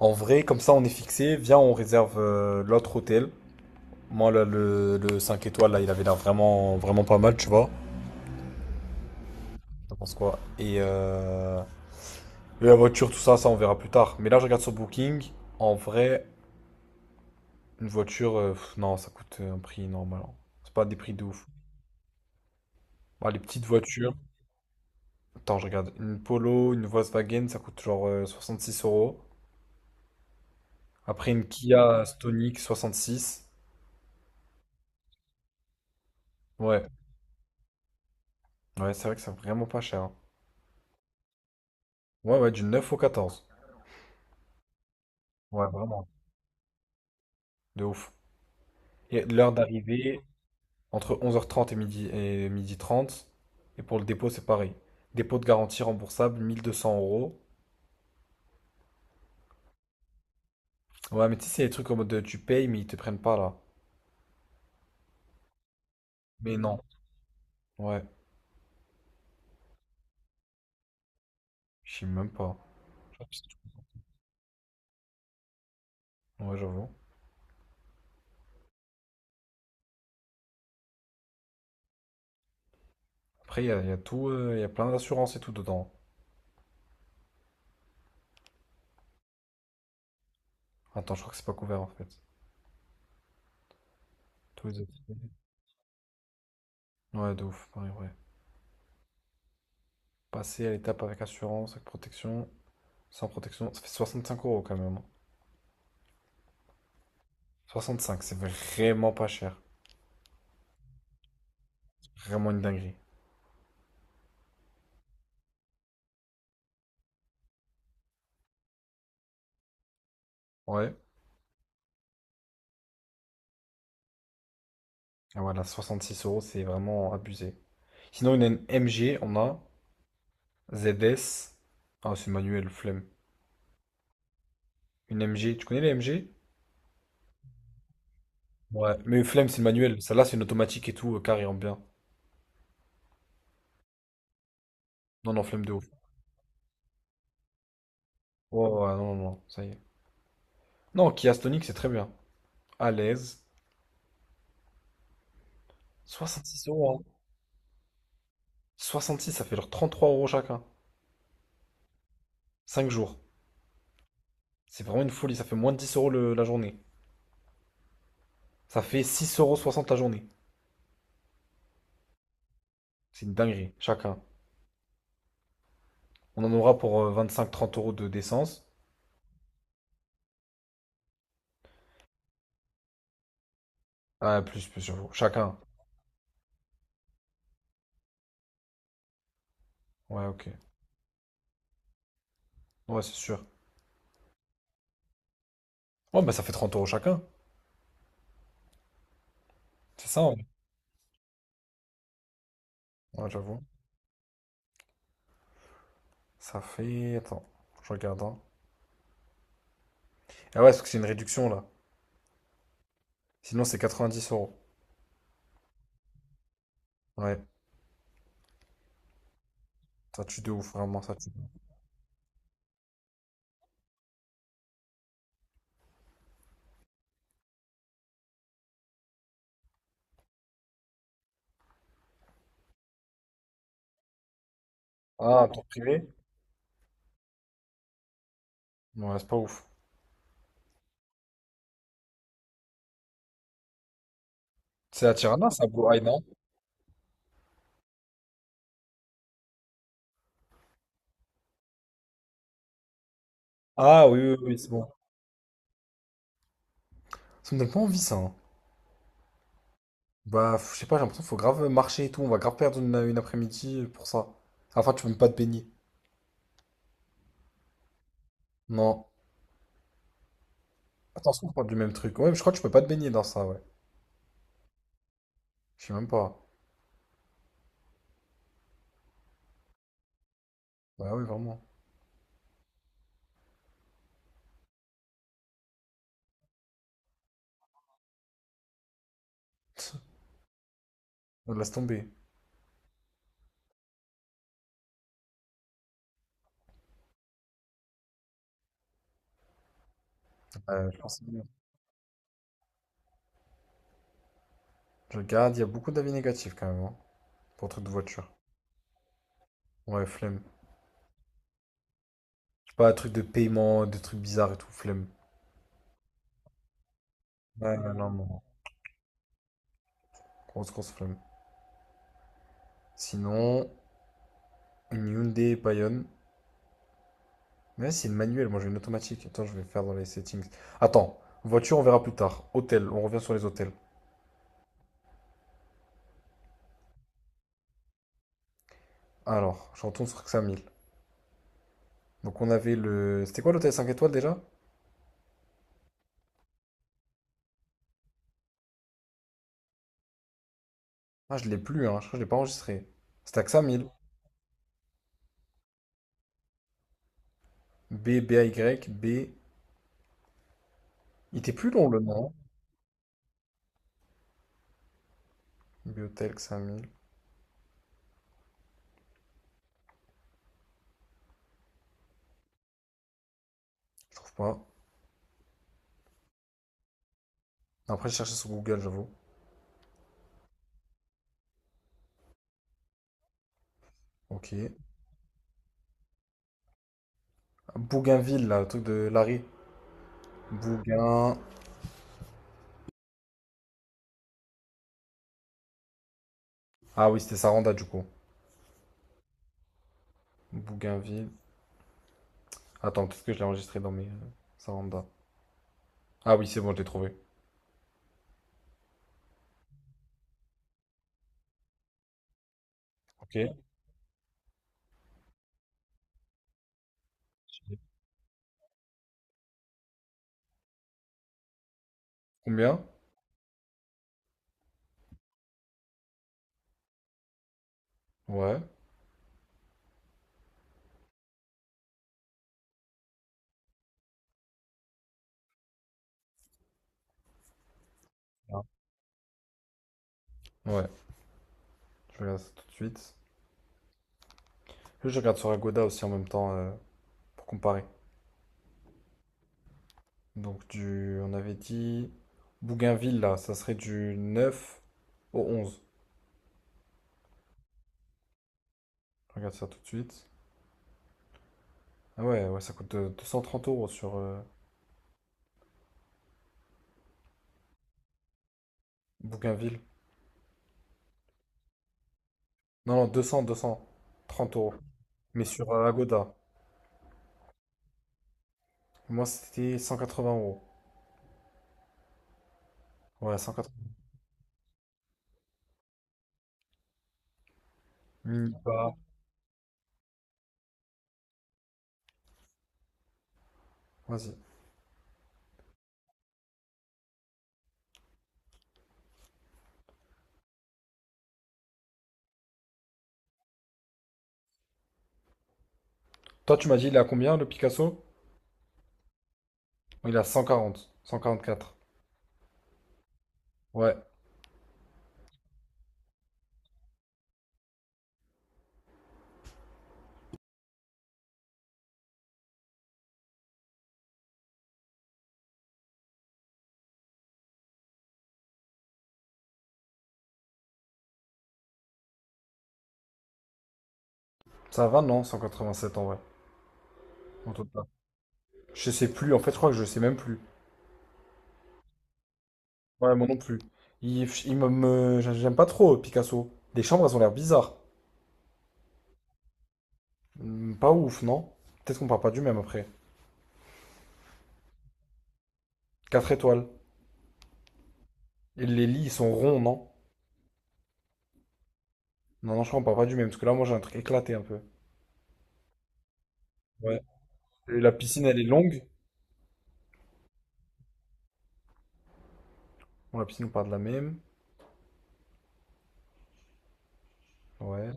En vrai, comme ça, on est fixé. Viens, on réserve l'autre hôtel. Moi, là, le 5 étoiles, là, il avait l'air vraiment, vraiment pas mal, tu vois. Je pense quoi. Et la voiture, tout ça, ça, on verra plus tard. Mais là, je regarde sur Booking. En vrai, une voiture, non, ça coûte un prix normal, hein. C'est pas des prix de ouf. Bah, les petites voitures. Attends, je regarde. Une Polo, une Volkswagen, ça coûte genre 66 euros. Après, une Kia Stonic, 66. Ouais, ouais, c'est vrai que c'est vraiment pas cher, hein. Ouais, ouais, du 9 au 14. Ouais, vraiment. De ouf. Et l'heure d'arrivée, entre 11h30 et midi, et 12h30. Et pour le dépôt, c'est pareil. Dépôt de garantie remboursable, 1200 euros. Ouais, mais tu sais, c'est les trucs en mode de, tu payes, mais ils te prennent pas là. Mais non. Ouais, je sais même pas. Ouais, j'avoue. Après, il y a tout, il y a plein d'assurances et tout dedans. Attends, je crois que c'est pas couvert en fait. Tous les autres. Ouais, de ouf, pareil, ouais. Passer à l'étape avec assurance, avec protection, sans protection, ça fait 65 € quand même. 65, c'est vraiment pas cher. Vraiment une dinguerie. Ouais. Ah, voilà, six euros, c'est vraiment abusé. Sinon, une MG, on a ZS. Ah, c'est manuel, flemme. Une MG, tu connais les MG? Ouais, mais flemme, c'est manuel. Celle-là, c'est une automatique et tout, carré en bien. Non, non, flemme de ouf. Ouais, ouais, ouais, non, non, non, ça y est. Non, Kia Stonic, c'est très bien. À l'aise. Six euros, hein. 66, ça fait genre 3 € chacun. 5 jours. C'est vraiment une folie, ça fait moins de 10 € la journée. Ça fait 6,60 € la journée. C'est une dinguerie, chacun. On en aura pour vingt cinq trente euros de d'essence. Ah, plus, plus, j'avoue. Chacun. Ouais, ok. Ouais, c'est sûr. Ouais, bah ça fait 30 € chacun. C'est ça, en vrai. Ouais, j'avoue. Ça fait... Attends, je regarde, hein. Ah ouais, parce que c'est une réduction, là. Sinon, c'est 90 euros. Ouais, ça tue de ouf, vraiment, ça tue. Ah, tour privé? Ouais, c'est pas ouf. C'est à Tirana, ça, Blue Eye, non? Ah oui, oui, oui, c'est bon. Ça me donne pas envie, ça, hein. Bah, je sais pas, j'ai l'impression qu'il faut grave marcher et tout. On va grave perdre une après-midi pour ça. Enfin, tu peux même pas te baigner. Non. Attention, on parle du même truc. Ouais, je crois que tu peux pas te baigner dans ça, ouais. Je sais même pas. Ouais, ouais, vraiment. On laisse tomber. Je pense que c'est bien. Je regarde, il y a beaucoup d'avis négatifs quand même, hein, pour trucs de voiture. Ouais, flemme. Je sais pas, trucs de paiement, des trucs bizarres et tout, flemme. Ouais, non, non, non. Grosse, grosse flemme. Sinon, une Hyundai Payon. Mais c'est une manuelle, moi j'ai une automatique. Attends, je vais faire dans les settings. Attends, voiture, on verra plus tard. Hôtel, on revient sur les hôtels. Alors, je retourne sur 5000. Donc on avait le... C'était quoi l'hôtel 5 étoiles déjà? Ah, je l'ai plus, hein. Je crois que je l'ai pas enregistré. C'était à 5000. B, B, A, Y, B... Il était plus long le nom, hein. Biotelk 5 000, je trouve pas. Après, je cherchais sur Google, j'avoue. Ok. Bougainville, là, le truc de Larry. Bougain. Ah oui, c'était Saranda, du coup. Bougainville. Attends, peut-être que je l'ai enregistré dans mes, Saranda. Ah oui, c'est bon, je l'ai trouvé. Ok. Combien? Ouais. Ah. Ouais. Je regarde ça tout de suite. Je regarde sur Agoda aussi en même temps, pour comparer. Donc, du... on avait dit. Bougainville, là, ça serait du 9 au 11. Je regarde ça tout de suite. Ah ouais, ouais, ça coûte 230 € sur Bougainville. Non, non, deux cent trente euros. Mais sur Agoda. Moi, c'était 180 euros. Ouais, 180. Mini bar. Vas-y. Toi, tu m'as dit, il est à combien le Picasso? Il est à 140. 144. Ouais. Ça va, non? 187 en vrai. En total. Je sais plus. En fait, je crois que je sais même plus. Ouais, moi non plus. J'aime pas trop Picasso. Les chambres, elles ont l'air bizarres. Hmm, pas ouf, non? Peut-être qu'on parle pas du même après. 4 étoiles. Et les lits, ils sont ronds, non? Non, non, je crois qu'on parle pas du même, parce que là, moi, j'ai un truc éclaté un peu. Ouais. Et la piscine, elle est longue. Bon, la piscine, on parle de la même. Ouais.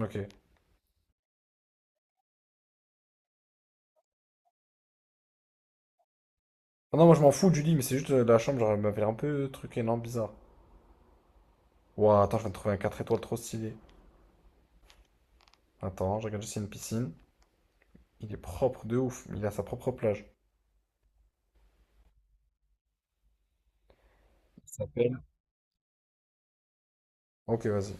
Ok. Ah non, moi, je m'en fous du lit, mais c'est juste la chambre, genre, elle m'avait un peu truc énorme, bizarre. Ouah, attends, je viens de trouver un 4 étoiles trop stylé. Attends, je regarde juste s'il y a une piscine. Il est propre de ouf. Il a sa propre plage. Ok, vas-y.